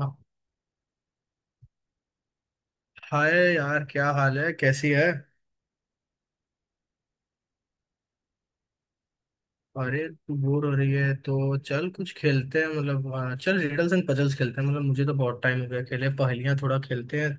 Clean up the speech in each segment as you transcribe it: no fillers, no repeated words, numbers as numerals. हाँ, हाय यार क्या हाल है, कैसी है। अरे तू बोर हो रही है तो चल कुछ खेलते हैं। मतलब हाँ, चल रिडल्स एंड पजल्स खेलते हैं। मतलब मुझे तो बहुत टाइम हो गया खेले पहेलियाँ, थोड़ा खेलते हैं।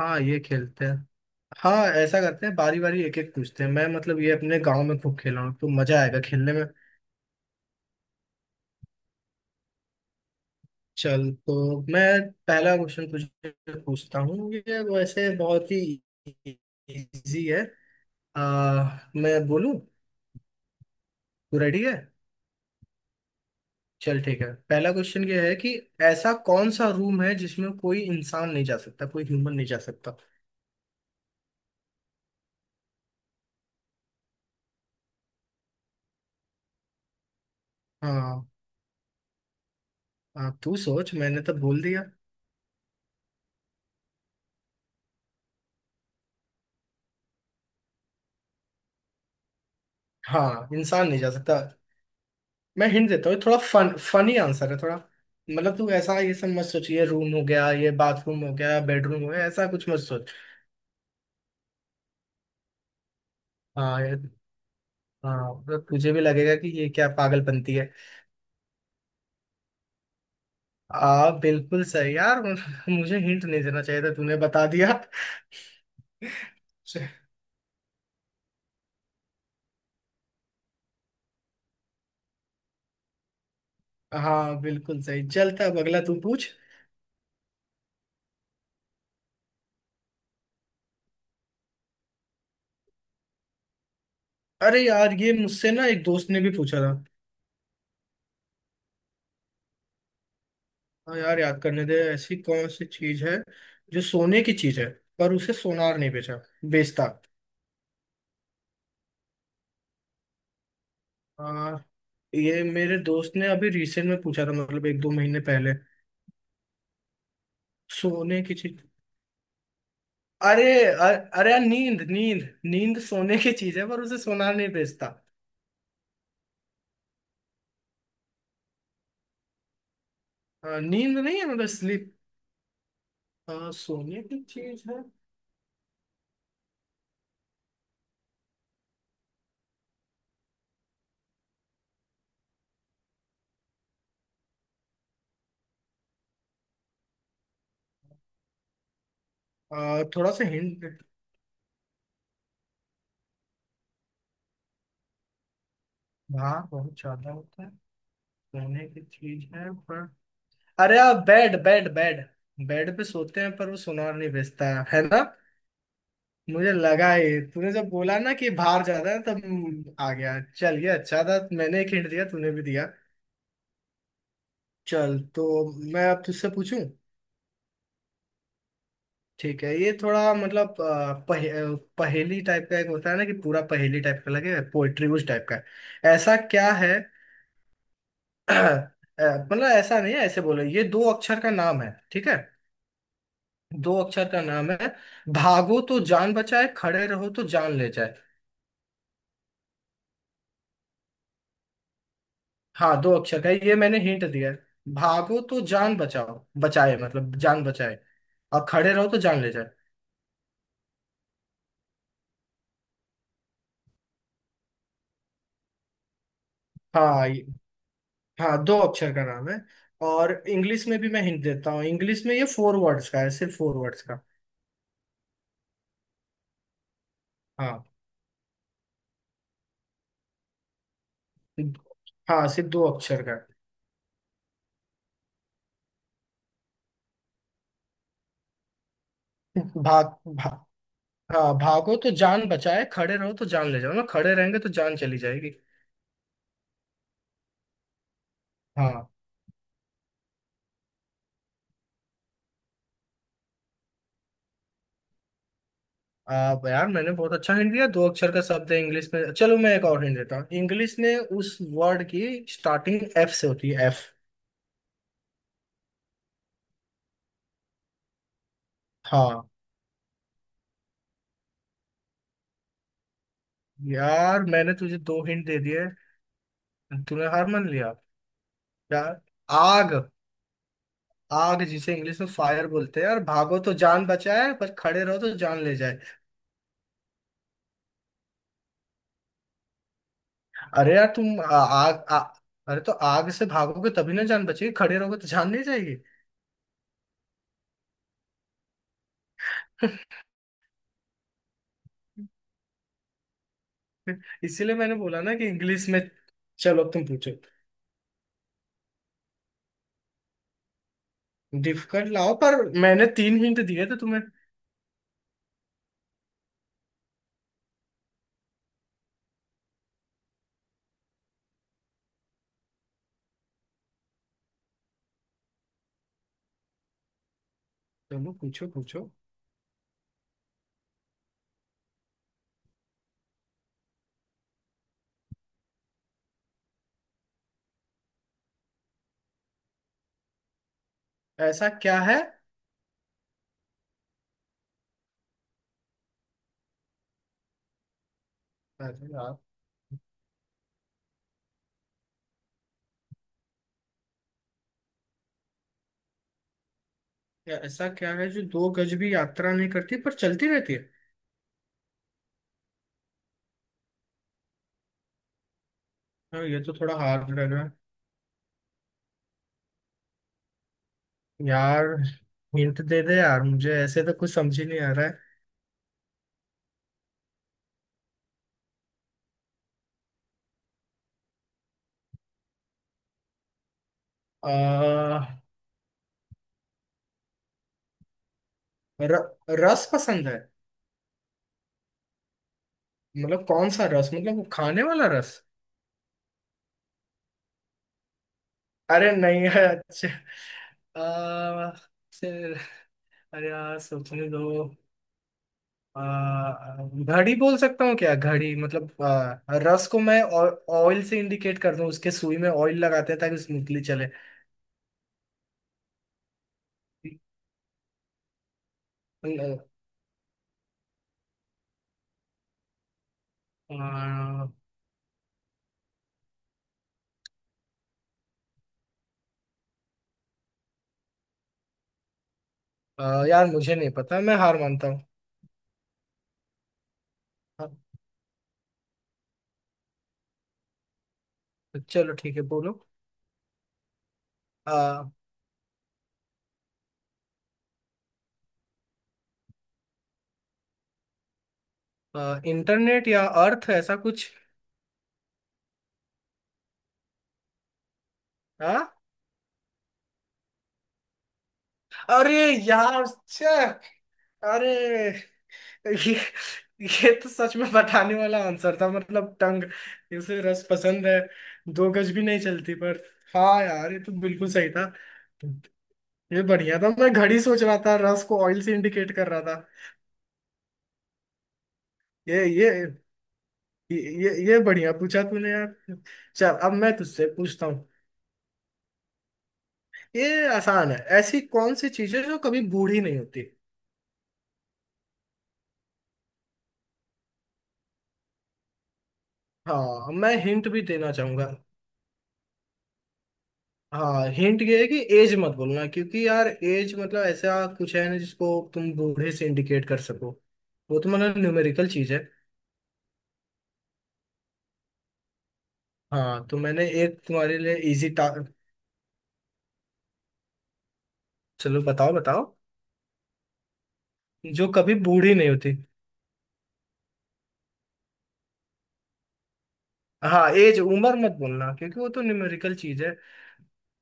हाँ ये खेलते हैं। हाँ ऐसा करते हैं, बारी बारी एक एक पूछते हैं। मैं मतलब ये अपने गांव में खूब खेला हूँ तो मजा आएगा खेलने में। चल तो मैं पहला क्वेश्चन तुझे पूछता हूँ, ये वैसे बहुत ही इजी है। आ, मैं बोलूँ? तू रेडी है? चल ठीक है। पहला क्वेश्चन ये है कि ऐसा कौन सा रूम है जिसमें कोई इंसान नहीं जा सकता, कोई ह्यूमन नहीं जा सकता। हाँ। हाँ तू सोच, मैंने तो बोल दिया। हाँ इंसान नहीं जा सकता। मैं हिंट देता हूँ थोड़ा, फन फनी आंसर है थोड़ा। मतलब तू ऐसा ये सब मत सोच, ये रूम हो गया, ये बाथरूम हो गया, बेडरूम हो गया, ऐसा कुछ मत सोच। हाँ ये- हाँ तो तुझे भी लगेगा कि ये क्या पागलपंती है। आ बिल्कुल सही यार मुझे हिंट नहीं देना चाहिए था, तूने बता दिया। हाँ बिल्कुल सही चलता। अब अगला तू पूछ। अरे यार, ये मुझसे ना एक दोस्त ने भी पूछा था। हाँ यार, याद करने दे। ऐसी कौन सी चीज है जो सोने की चीज है पर उसे सोनार नहीं बेचा बेचता। आ, ये मेरे दोस्त ने अभी रिसेंट में पूछा था, मतलब एक दो महीने पहले। सोने की चीज। अरे अ- अरे यार, नींद नींद नींद सोने की चीज है पर उसे सोनार नहीं बेचता। नींद नहीं है? मतलब स्लीप। सोने की चीज है। थोड़ा सा हिंट। हाँ बहुत ज्यादा होता है। सोने की चीज है। अरे आप बेड, बेड पे सोते हैं पर वो सुनार नहीं भेजता है ना। मुझे लगा ही, तूने जब बोला ना कि बाहर जाता है तब आ गया। चल ये अच्छा था, मैंने एक हिंट दिया, तूने भी दिया। चल तो मैं अब तुझसे पूछूं। ठीक है, ये थोड़ा मतलब पहेली टाइप का एक होता है ना, कि पूरा पहेली टाइप का लगे, पोएट्री उस टाइप का है। ऐसा क्या है अ, मतलब ऐसा नहीं है, ऐसे बोलो, ये दो अक्षर का नाम है, ठीक है। दो अक्षर का नाम है। भागो तो जान बचाए, खड़े रहो तो जान ले जाए। हाँ दो अक्षर का है, ये मैंने हिंट दिया है। भागो तो जान बचाओ बचाए मतलब जान बचाए। और खड़े रहो तो जान ले जाए। हाँ ये- हाँ दो अक्षर का नाम है। और इंग्लिश में भी मैं हिंट देता हूँ, इंग्लिश में ये फोर वर्ड्स का है, सिर्फ फोर वर्ड्स का। हाँ। हाँ सिर्फ दो अक्षर का है। भाग भा, हाँ, भागो तो जान बचाए, खड़े रहो तो जान ले जाओ ना, खड़े रहेंगे तो जान चली जाएगी। हाँ। आप यार, मैंने बहुत अच्छा हिंट दिया, दो अक्षर का शब्द है, इंग्लिश में। चलो, मैं एक और हिंट देता हूँ, इंग्लिश में उस वर्ड की स्टार्टिंग एफ से होती है, एफ। हाँ। यार मैंने तुझे दो हिंट दे दिए। तूने हार मान लिया यार। आग। आग, जिसे इंग्लिश में फायर बोलते हैं यार। भागो तो जान बचाए, पर खड़े रहो तो जान ले जाए। अरे यार तुम, आग अरे तो आग से भागोगे तभी ना जान बचेगी, खड़े रहोगे तो जान नहीं जाएगी। इसीलिए मैंने बोला ना, कि इंग्लिश में। चलो अब तुम पूछो। डिफिकल्ट लाओ पर, मैंने तीन हिंट दिए थे तुम्हें। चलो पूछो पूछो। ऐसा क्या है? अरे यार, या ऐसा क्या है जो 2 गज भी यात्रा नहीं करती पर चलती रहती है? हाँ, ये तो थोड़ा हार्ड लग रहा है यार। हिंट दे दे यार, मुझे ऐसे तो कुछ समझ ही नहीं आ रहा है। आ, र, रस पसंद है? मतलब कौन सा रस, मतलब वो खाने वाला रस? अरे नहीं है अच्छा। आ, फिर- अरे यार सोचने दो। आ, घड़ी बोल सकता हूँ क्या? घड़ी मतलब रस को मैं ऑयल से इंडिकेट कर दूं, उसके सुई में ऑयल लगाते हैं ताकि स्मूथली चले। आ, आ, यार मुझे नहीं पता, मैं हार मानता हूँ। हाँ, चलो ठीक है, बोलो। आ, आ, इंटरनेट या अर्थ, ऐसा कुछ? हाँ। अरे यार, छे! अरे, ये ये तो सच में बताने वाला आंसर था, मतलब टंग। इसे रस पसंद है, 2 गज भी नहीं चलती पर। हाँ यार, ये तो बिल्कुल सही था। ये बढ़िया था, मैं घड़ी सोच रहा था, रस को ऑयल से इंडिकेट कर रहा था। ये ये ये बढ़िया पूछा तूने यार। चल अब मैं तुझसे पूछता हूँ। ये आसान है, ऐसी कौन सी चीजें जो कभी बूढ़ी नहीं होती? हाँ, मैं हिंट भी देना चाहूंगा। हाँ, हिंट ये है कि एज मत बोलना, क्योंकि यार एज मतलब ऐसा कुछ है ना जिसको तुम बूढ़े से इंडिकेट कर सको, वो तो मतलब न्यूमेरिकल चीज है। हाँ, तो मैंने एक तुम्हारे लिए इजी टा चलो बताओ बताओ। जो कभी बूढ़ी नहीं होती। हाँ, एज उम्र मत बोलना, क्योंकि वो तो न्यूमेरिकल चीज है,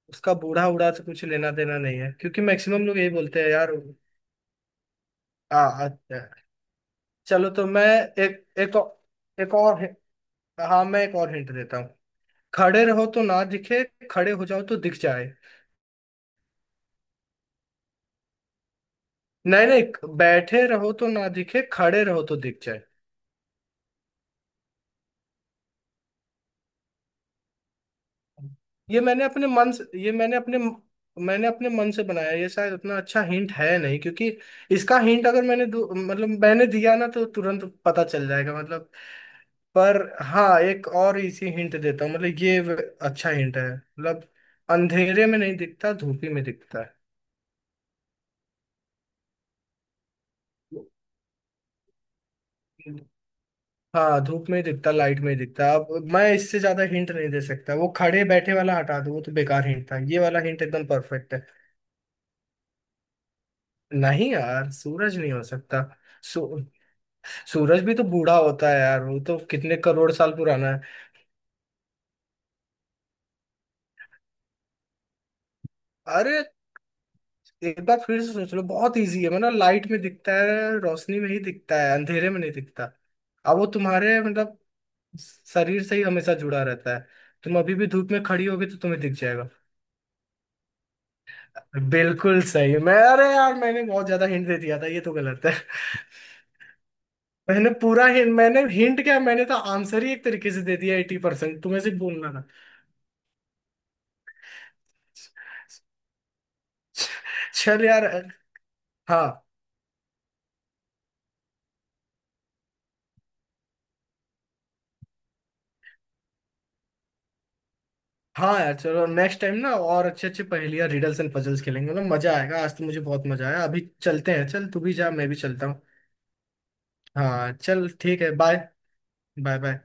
उसका बूढ़ा उड़ा से कुछ लेना देना नहीं है, क्योंकि मैक्सिमम लोग यही बोलते हैं यार। आ, आ, चलो तो मैं एक एक और- एक और हि- हाँ, मैं एक और हिंट देता हूँ। खड़े रहो तो ना दिखे, खड़े हो जाओ तो दिख जाए। नहीं नहीं, बैठे रहो तो ना दिखे, खड़े रहो तो दिख जाए। ये मैंने अपने मन से ये मैंने अपने मन से बनाया, ये शायद उतना अच्छा हिंट है नहीं, क्योंकि इसका हिंट अगर मैंने दो- मतलब मैंने दिया ना तो तुरंत पता चल जाएगा, मतलब। पर हाँ, एक और इसी हिंट देता हूँ, मतलब अच्छा हिंट है, मतलब अंधेरे में नहीं दिखता, धूप ही में दिखता है। हाँ, धूप में ही दिखता, लाइट में ही दिखता। अब मैं इससे ज्यादा हिंट नहीं दे सकता। वो खड़े बैठे वाला हटा दो, वो तो बेकार हिंट था, ये वाला हिंट एकदम परफेक्ट है। नहीं यार, सूरज नहीं हो सकता। सू, सूरज भी तो बूढ़ा होता है यार, वो तो कितने करोड़ साल पुराना है। अरे, एक बार फिर से सोच लो, बहुत इजी है, मतलब लाइट में दिखता है, रोशनी में ही दिखता है, अंधेरे में नहीं दिखता। अब वो तुम्हारे मतलब शरीर से ही हमेशा जुड़ा रहता है, तुम अभी भी धूप में खड़ी होगी तो तुम्हें दिख जाएगा। बिल्कुल सही। मैं अरे यार, मैंने बहुत ज्यादा हिंट दे दिया था, ये तो गलत है मैंने पूरा हिंट, मैंने हिंट क्या, मैंने तो आंसर ही एक तरीके से दे दिया, 80% तुम्हें सिर्फ बोलना था। चल यार। हाँ। हाँ यार, चलो नेक्स्ट टाइम ना और अच्छे अच्छे पहेलियां रिडल्स एंड पजल्स खेलेंगे ना, मजा आएगा। आज तो मुझे बहुत मजा आया, अभी चलते हैं, चल तू भी जा, मैं भी चलता हूँ। हाँ चल ठीक है बाय। Bye bye.